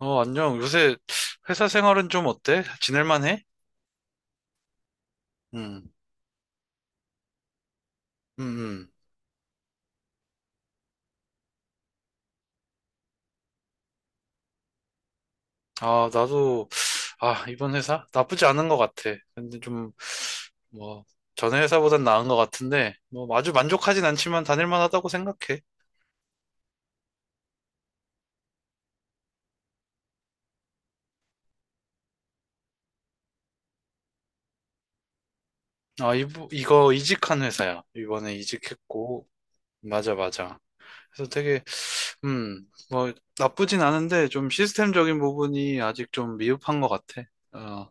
어, 안녕. 요새 회사 생활은 좀 어때? 지낼만 해? 음, 음, 음. 아, 나도, 아, 이번 회사? 나쁘지 않은 것 같아. 근데 좀, 뭐, 전에 회사보단 나은 것 같은데, 뭐, 아주 만족하진 않지만 다닐만 하다고 생각해. 아, 이거 이직한 회사야. 이번에 이직했고, 맞아, 맞아. 그래서 되게, 뭐, 나쁘진 않은데, 좀 시스템적인 부분이 아직 좀 미흡한 것 같아. 어,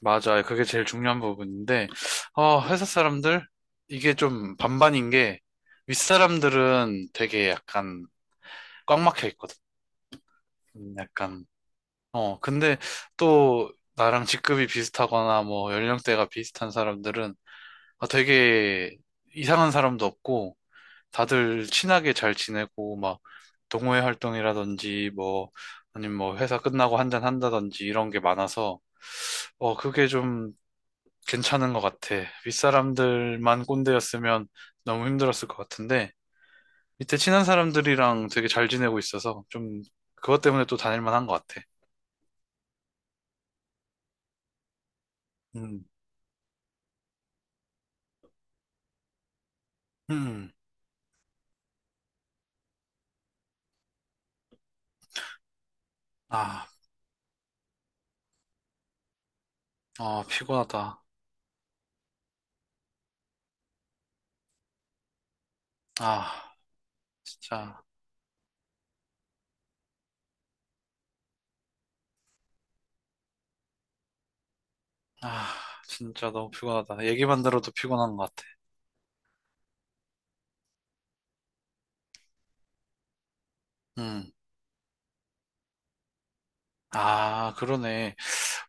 맞아요. 그게 제일 중요한 부분인데, 어, 회사 사람들? 이게 좀 반반인 게, 윗사람들은 되게 약간 꽉 막혀 있거든. 약간, 어, 근데 또 나랑 직급이 비슷하거나 뭐 연령대가 비슷한 사람들은 아, 되게 이상한 사람도 없고, 다들 친하게 잘 지내고, 막 동호회 활동이라든지 뭐, 아니면 뭐 회사 끝나고 한잔 한다든지 이런 게 많아서, 어, 그게 좀 괜찮은 것 같아. 윗사람들만 꼰대였으면 너무 힘들었을 것 같은데, 밑에 친한 사람들이랑 되게 잘 지내고 있어서 좀 그것 때문에 또 다닐 만한 것 같아. 음, 음, 아, 어, 피곤하다. 아, 진짜, 아, 진짜 너무 피곤하다. 얘기만 들어도 피곤한 것 같아. 음, 아, 그러네.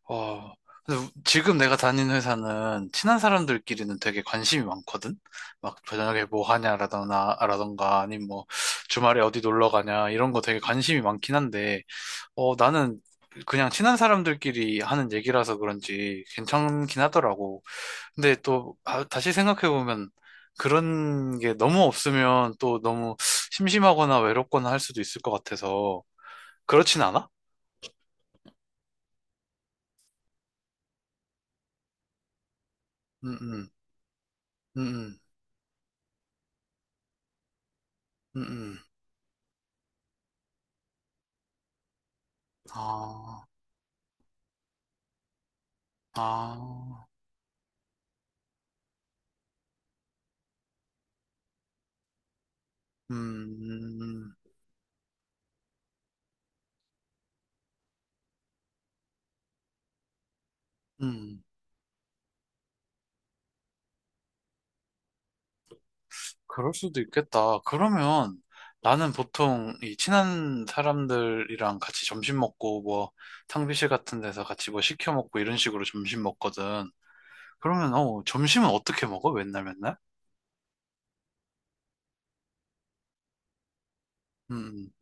어, 근데 지금 내가 다니는 회사는 친한 사람들끼리는 되게 관심이 많거든? 막 저녁에 뭐 하냐라던가, 라던가, 아니면 뭐 주말에 어디 놀러 가냐, 이런 거 되게 관심이 많긴 한데, 어, 나는 그냥 친한 사람들끼리 하는 얘기라서 그런지 괜찮긴 하더라고. 근데 또, 아, 다시 생각해보면, 그런 게 너무 없으면 또 너무 심심하거나 외롭거나 할 수도 있을 것 같아서, 그렇진 않아? 음, 음, 음, 음, 음, 음. 아. 아, 음, 음, 음. 그럴 수도 있겠다. 그러면 나는 보통 이 친한 사람들이랑 같이 점심 먹고 뭐 탕비실 같은 데서 같이 뭐 시켜 먹고 이런 식으로 점심 먹거든. 그러면 어, 점심은 어떻게 먹어? 맨날 맨날? 음, 음.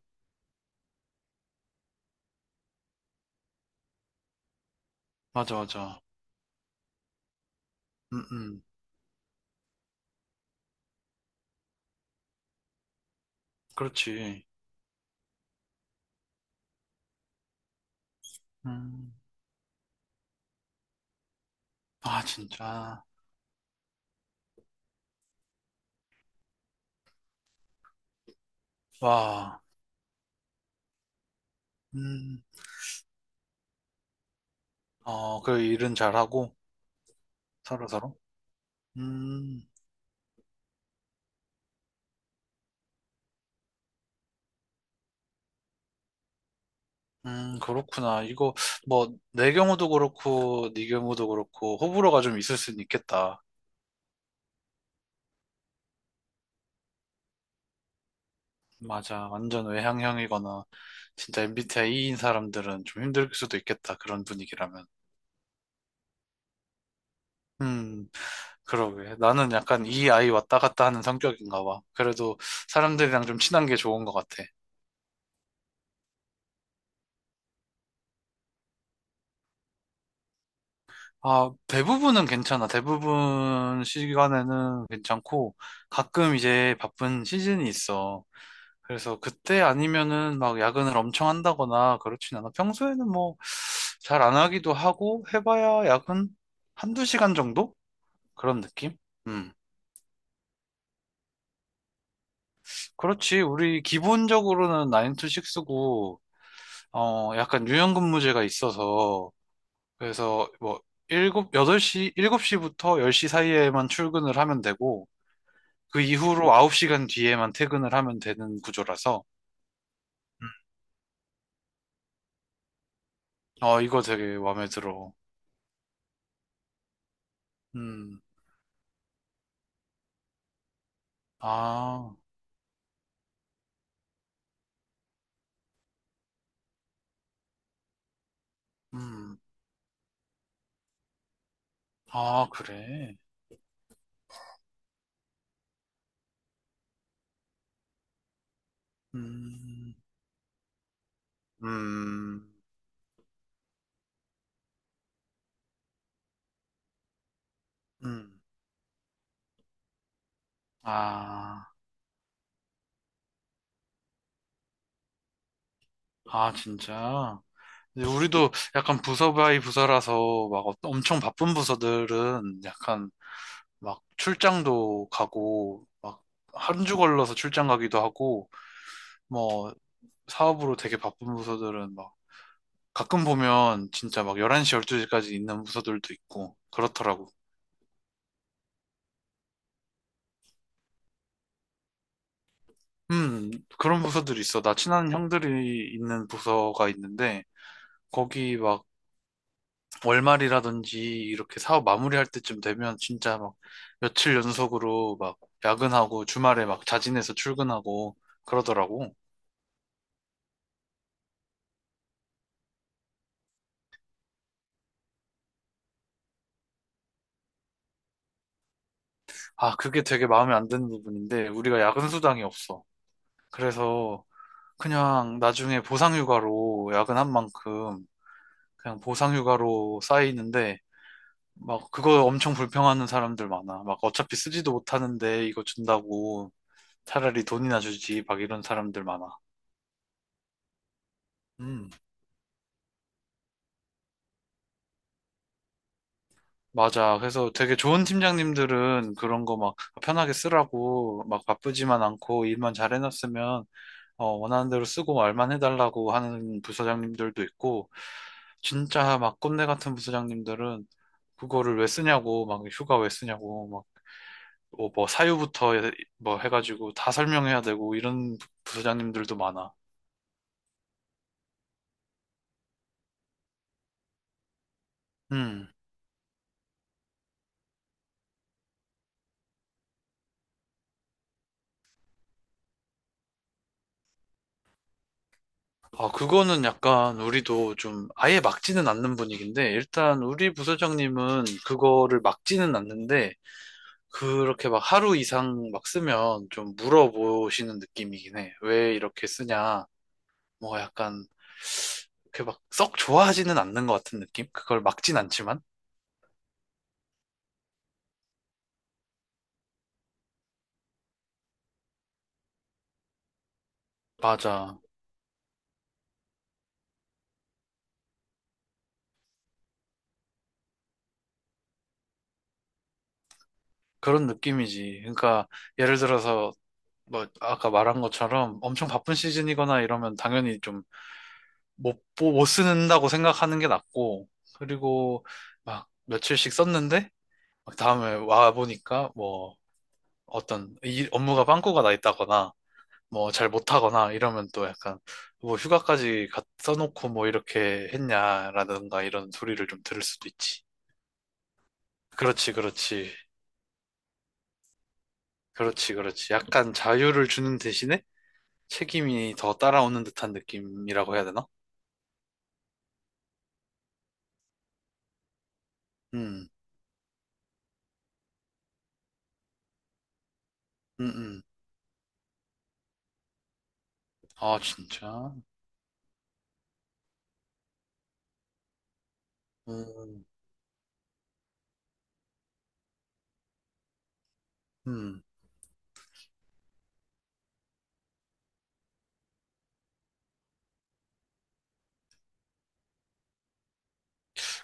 맞아, 맞아. 음, 음, 그렇지. 음, 아, 진짜. 와, 음, 어, 그 일은 잘하고 서로 서로. 음. 그렇구나. 이거, 뭐, 내 경우도 그렇고, 네 경우도 그렇고, 호불호가 좀 있을 수는 있겠다. 맞아. 완전 외향형이거나, 진짜 MBTI인 사람들은 좀 힘들 수도 있겠다. 그런 분위기라면. 음, 그러게. 나는 약간 이 아이 왔다 갔다 하는 성격인가 봐. 그래도 사람들이랑 좀 친한 게 좋은 것 같아. 아, 대부분은 괜찮아. 대부분 시간에는 괜찮고, 가끔 이제 바쁜 시즌이 있어. 그래서 그때 아니면은 막 야근을 엄청 한다거나 그렇진 않아. 평소에는 뭐 잘 안 하기도 하고 해봐야 야근 한두 시간 정도? 그런 느낌? 음. 그렇지. 우리 기본적으로는 9 to 6고, 어, 약간 유연근무제가 있어서, 그래서 뭐, 7, 8시, 7시부터 10시 사이에만 출근을 하면 되고, 그 이후로 9시간 뒤에만 퇴근을 하면 되는 구조라서, 음. 어, 이거 되게 마음에 들어. 음, 아, 음. 아, 그래. 음, 음, 음. 아, 아, 진짜. 근데 우리도 약간 부서 바이 부서라서 막 엄청 바쁜 부서들은 약간 막 출장도 가고 막 한 주 걸러서 출장 가기도 하고 뭐 사업으로 되게 바쁜 부서들은 막 가끔 보면 진짜 막 11시, 12시까지 있는 부서들도 있고 그렇더라고. 음, 그런 부서들이 있어. 나 친한 형들이 있는 부서가 있는데 거기 막 월말이라든지 이렇게 사업 마무리할 때쯤 되면 진짜 막 며칠 연속으로 막 야근하고 주말에 막 자진해서 출근하고 그러더라고. 아, 그게 되게 마음에 안 드는 부분인데 우리가 야근 수당이 없어. 그래서 그냥 나중에 보상휴가로 야근한 만큼 그냥 보상휴가로 쌓이는데 막 그거 엄청 불평하는 사람들 많아. 막 어차피 쓰지도 못하는데 이거 준다고 차라리 돈이나 주지 막 이런 사람들 많아. 음. 맞아. 그래서 되게 좋은 팀장님들은 그런 거 막 편하게 쓰라고 막 바쁘지만 않고 일만 잘 해놨으면 어, 원하는 대로 쓰고 말만 해달라고 하는 부서장님들도 있고 진짜 막 꼰대 같은 부서장님들은 그거를 왜 쓰냐고 막 휴가 왜 쓰냐고 막 뭐 뭐 사유부터 뭐 해가지고 다 설명해야 되고 이런 부서장님들도 많아. 음. 아, 그거는 약간 우리도 좀 아예 막지는 않는 분위기인데, 일단 우리 부서장님은 그거를 막지는 않는데, 그렇게 막 하루 이상 막 쓰면 좀 물어보시는 느낌이긴 해. 왜 이렇게 쓰냐. 뭐 약간, 그렇게 막 썩 좋아하지는 않는 것 같은 느낌? 그걸 막진 않지만? 맞아. 그런 느낌이지. 그러니까 예를 들어서, 뭐 아까 말한 것처럼 엄청 바쁜 시즌이거나 이러면 당연히 좀 못 쓰는다고 생각하는 게 낫고, 그리고 막 며칠씩 썼는데, 막 다음에 와 보니까 뭐 어떤 이 업무가 빵꾸가 나 있다거나, 뭐 잘 못하거나 이러면 또 약간 뭐 휴가까지 갖 써놓고 뭐 이렇게 했냐라든가 이런 소리를 좀 들을 수도 있지. 그렇지, 그렇지, 그렇지, 그렇지. 약간 자유를 주는 대신에 책임이 더 따라오는 듯한 느낌이라고 해야 되나? 음, 음, 음. 아, 진짜. 음, 음.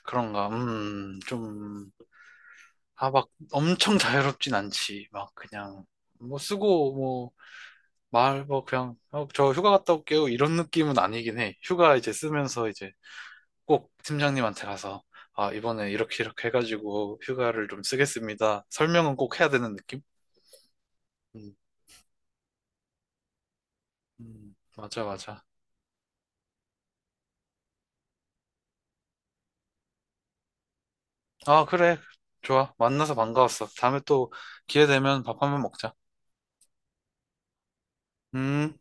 그런가, 좀, 아, 막 엄청 자유롭진 않지. 막 그냥, 뭐 쓰고, 뭐, 말, 뭐 그냥, 어, 저 휴가 갔다 올게요. 이런 느낌은 아니긴 해. 휴가 이제 쓰면서 이제 꼭 팀장님한테 가서, 아, 이번에 이렇게 이렇게 해가지고 휴가를 좀 쓰겠습니다. 설명은 꼭 해야 되는 느낌? 음, 맞아, 맞아. 아, 그래. 좋아. 만나서 반가웠어. 다음에 또 기회 되면 밥 한 번 먹자. 음.